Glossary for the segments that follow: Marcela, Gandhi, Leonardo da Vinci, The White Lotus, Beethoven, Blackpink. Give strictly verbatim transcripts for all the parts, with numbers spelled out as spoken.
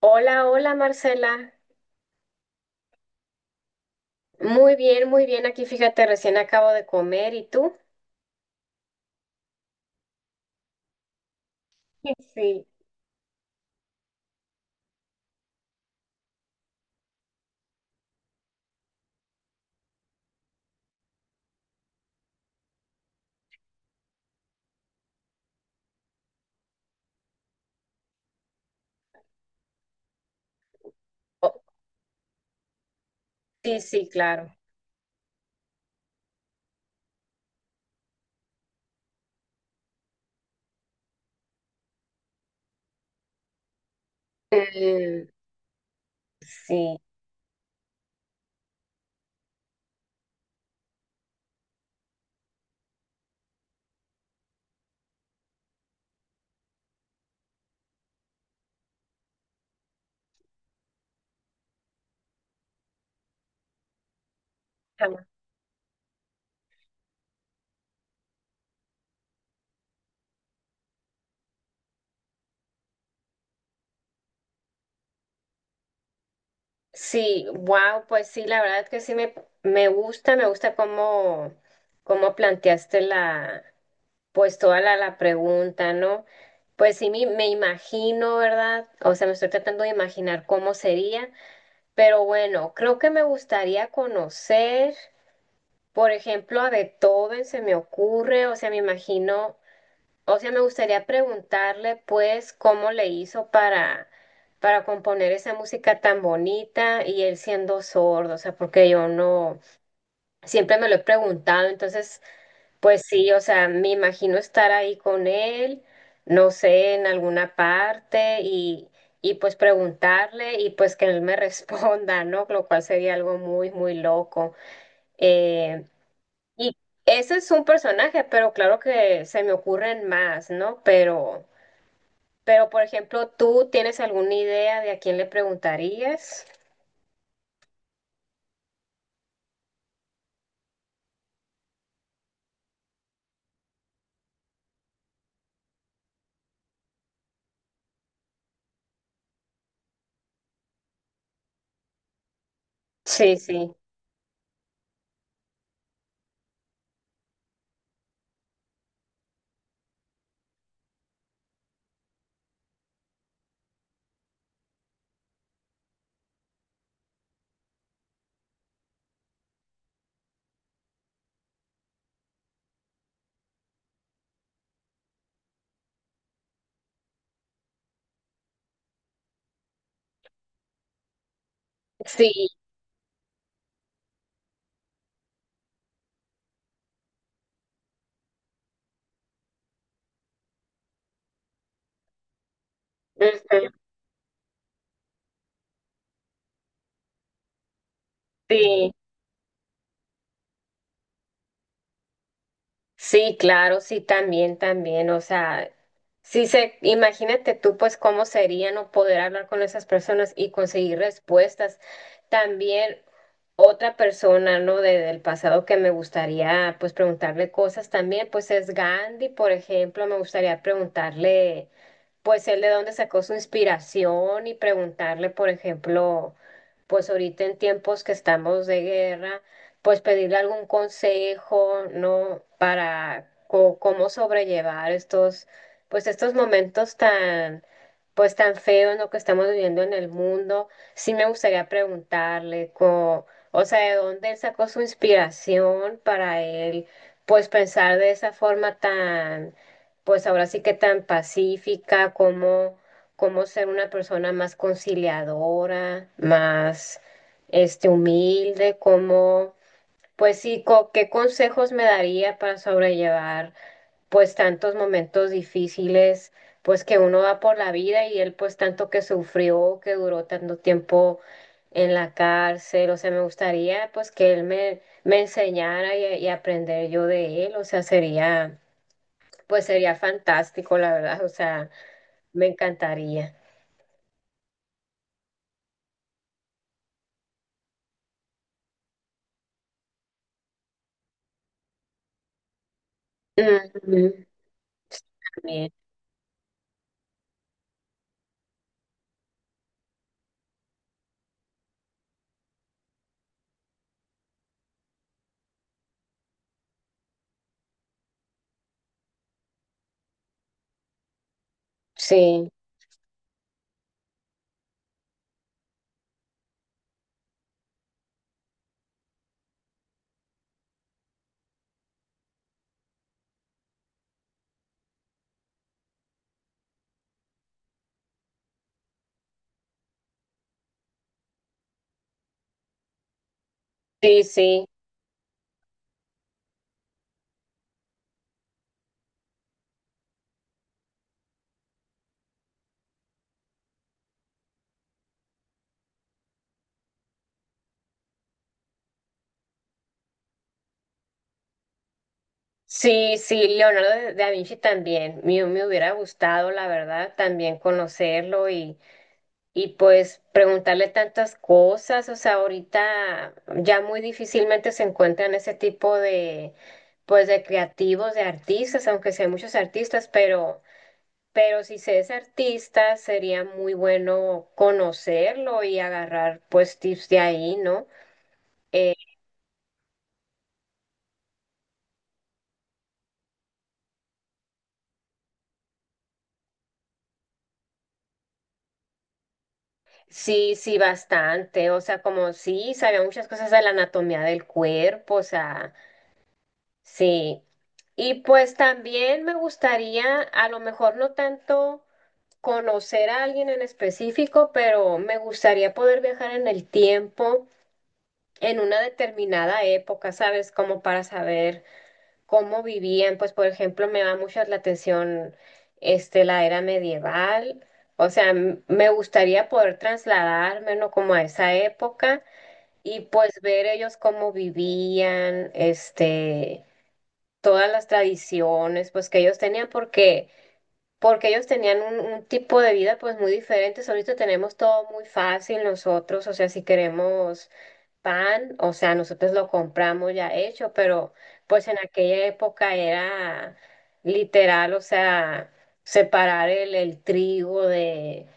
Hola, hola Marcela. Muy bien, muy bien. Aquí fíjate, recién acabo de comer. ¿Y tú? Sí. Oh, sí, sí, claro. Mm, sí. Ajá. Sí, wow, pues sí, la verdad que sí me, me gusta, me gusta cómo, cómo planteaste la, pues toda la, la pregunta, ¿no? Pues sí, me, me imagino, ¿verdad? O sea, me estoy tratando de imaginar cómo sería, pero bueno, creo que me gustaría conocer. Por ejemplo, a Beethoven se me ocurre, o sea, me imagino, o sea, me gustaría preguntarle, pues, cómo le hizo para, para componer esa música tan bonita y él siendo sordo, o sea, porque yo no, siempre me lo he preguntado, entonces, pues sí, o sea, me imagino estar ahí con él, no sé, en alguna parte y, y pues preguntarle y pues que él me responda, ¿no? Lo cual sería algo muy, muy loco. Em, y ese es un personaje, pero claro que se me ocurren más, ¿no? Pero, pero por ejemplo, ¿tú tienes alguna idea de a quién le preguntarías? Sí, sí, sí, ujú, sí. Sí, claro, sí, también, también, o sea, sí se, imagínate tú pues cómo sería no poder hablar con esas personas y conseguir respuestas. También otra persona, ¿no? De, del pasado que me gustaría pues preguntarle cosas también, pues es Gandhi, por ejemplo, me gustaría preguntarle pues él de dónde sacó su inspiración y preguntarle, por ejemplo, pues ahorita en tiempos que estamos de guerra, pues pedirle algún consejo, ¿no? Para co- cómo sobrellevar estos, pues estos momentos tan pues tan feo en lo que estamos viviendo en el mundo, sí me gustaría preguntarle, co- o sea, de dónde él sacó su inspiración para él, pues pensar de esa forma tan, pues ahora sí que tan pacífica, como, como ser una persona más conciliadora, más, este, humilde, como, pues sí, co- ¿qué consejos me daría para sobrellevar? Pues tantos momentos difíciles, pues que uno va por la vida y él pues tanto que sufrió, que duró tanto tiempo en la cárcel, o sea, me gustaría pues que él me, me enseñara y, y aprender yo de él, o sea, sería, pues sería fantástico, la verdad, o sea, me encantaría. Ujú. Bien. Sí, sí, sí. Sí, sí, Leonardo de- da Vinci también. Me, me hubiera gustado, la verdad, también conocerlo y, Y pues preguntarle tantas cosas, o sea, ahorita ya muy difícilmente se encuentran ese tipo de, pues, de creativos, de artistas, aunque sí hay muchos artistas, pero, pero si se es artista, sería muy bueno conocerlo y agarrar, pues, tips de ahí, ¿no? Eh, sí, sí, bastante, o sea, como sí, sabía muchas cosas de la anatomía del cuerpo, o sea, sí. Y pues también me gustaría, a lo mejor no tanto conocer a alguien en específico, pero me gustaría poder viajar en el tiempo, en una determinada época, ¿sabes? Como para saber cómo vivían. Pues, por ejemplo, me da mucho la atención este, la era medieval. O sea, m- me gustaría poder trasladarme, ¿no? Como a esa época y pues ver ellos cómo vivían, este, todas las tradiciones, pues que ellos tenían, porque porque ellos tenían un, un tipo de vida pues muy diferente. Ahorita tenemos todo muy fácil nosotros, o sea, si queremos pan, o sea, nosotros lo compramos ya hecho, pero pues en aquella época era literal, o sea, separar el, el trigo de,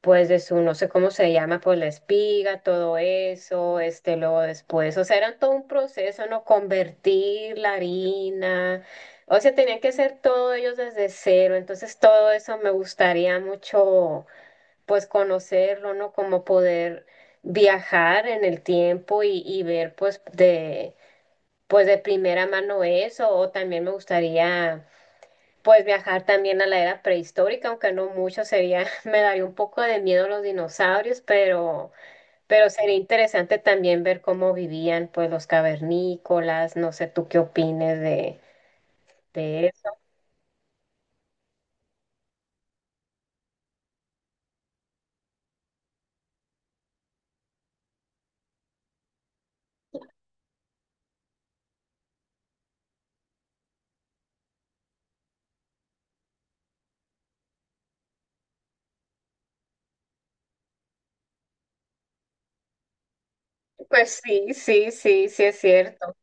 pues de su, no sé cómo se llama, pues la espiga, todo eso, este, luego después, o sea, era todo un proceso, ¿no? Convertir la harina, o sea, tenían que hacer todo ellos desde cero, entonces todo eso me gustaría mucho pues conocerlo, ¿no? Como poder viajar en el tiempo y, y ver pues de, pues de primera mano eso, o también me gustaría pues viajar también a la era prehistórica, aunque no mucho sería, me daría un poco de miedo los dinosaurios, pero, pero sería interesante también ver cómo vivían pues los cavernícolas, no sé tú qué opines de, de eso. Pues sí, sí, sí, sí es cierto.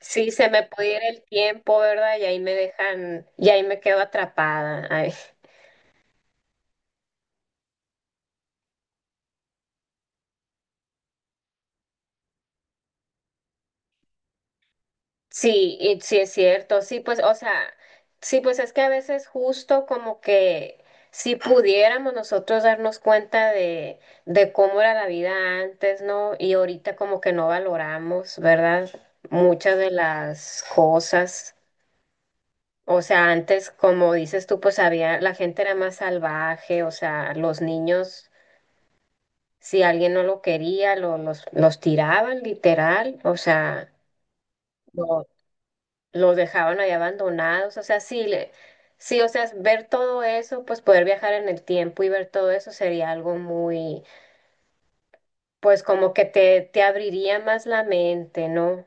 Sí, se me puede ir el tiempo, ¿verdad? Y ahí me dejan, y ahí me quedo atrapada. Ay, sí, y sí es cierto, sí, pues, o sea, sí, pues es que a veces justo como que si pudiéramos nosotros darnos cuenta de, de cómo era la vida antes, ¿no? Y ahorita como que no valoramos, ¿verdad? Muchas de las cosas. O sea, antes, como dices tú, pues había, la gente era más salvaje, o sea, los niños. Si alguien no lo quería, lo- los, los tiraban literal, o sea, lo- los dejaban ahí abandonados, o sea, sí, le, sí, o sea, ver todo eso, pues poder viajar en el tiempo y ver todo eso sería algo muy, pues como que te, te abriría más la mente, ¿no?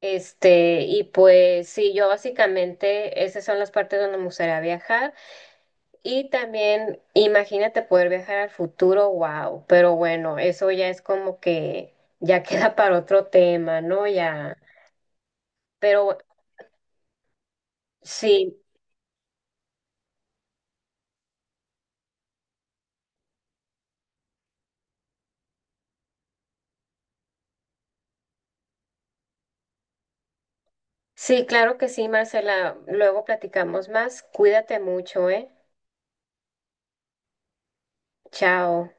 Este, y pues sí, yo básicamente, esas son las partes donde me gustaría viajar. Y también imagínate poder viajar al futuro, wow, pero bueno, eso ya es como que ya queda para otro tema, ¿no? Ya, pero sí, sí, claro que sí, Marcela, luego platicamos más, cuídate mucho, ¿eh? Chao.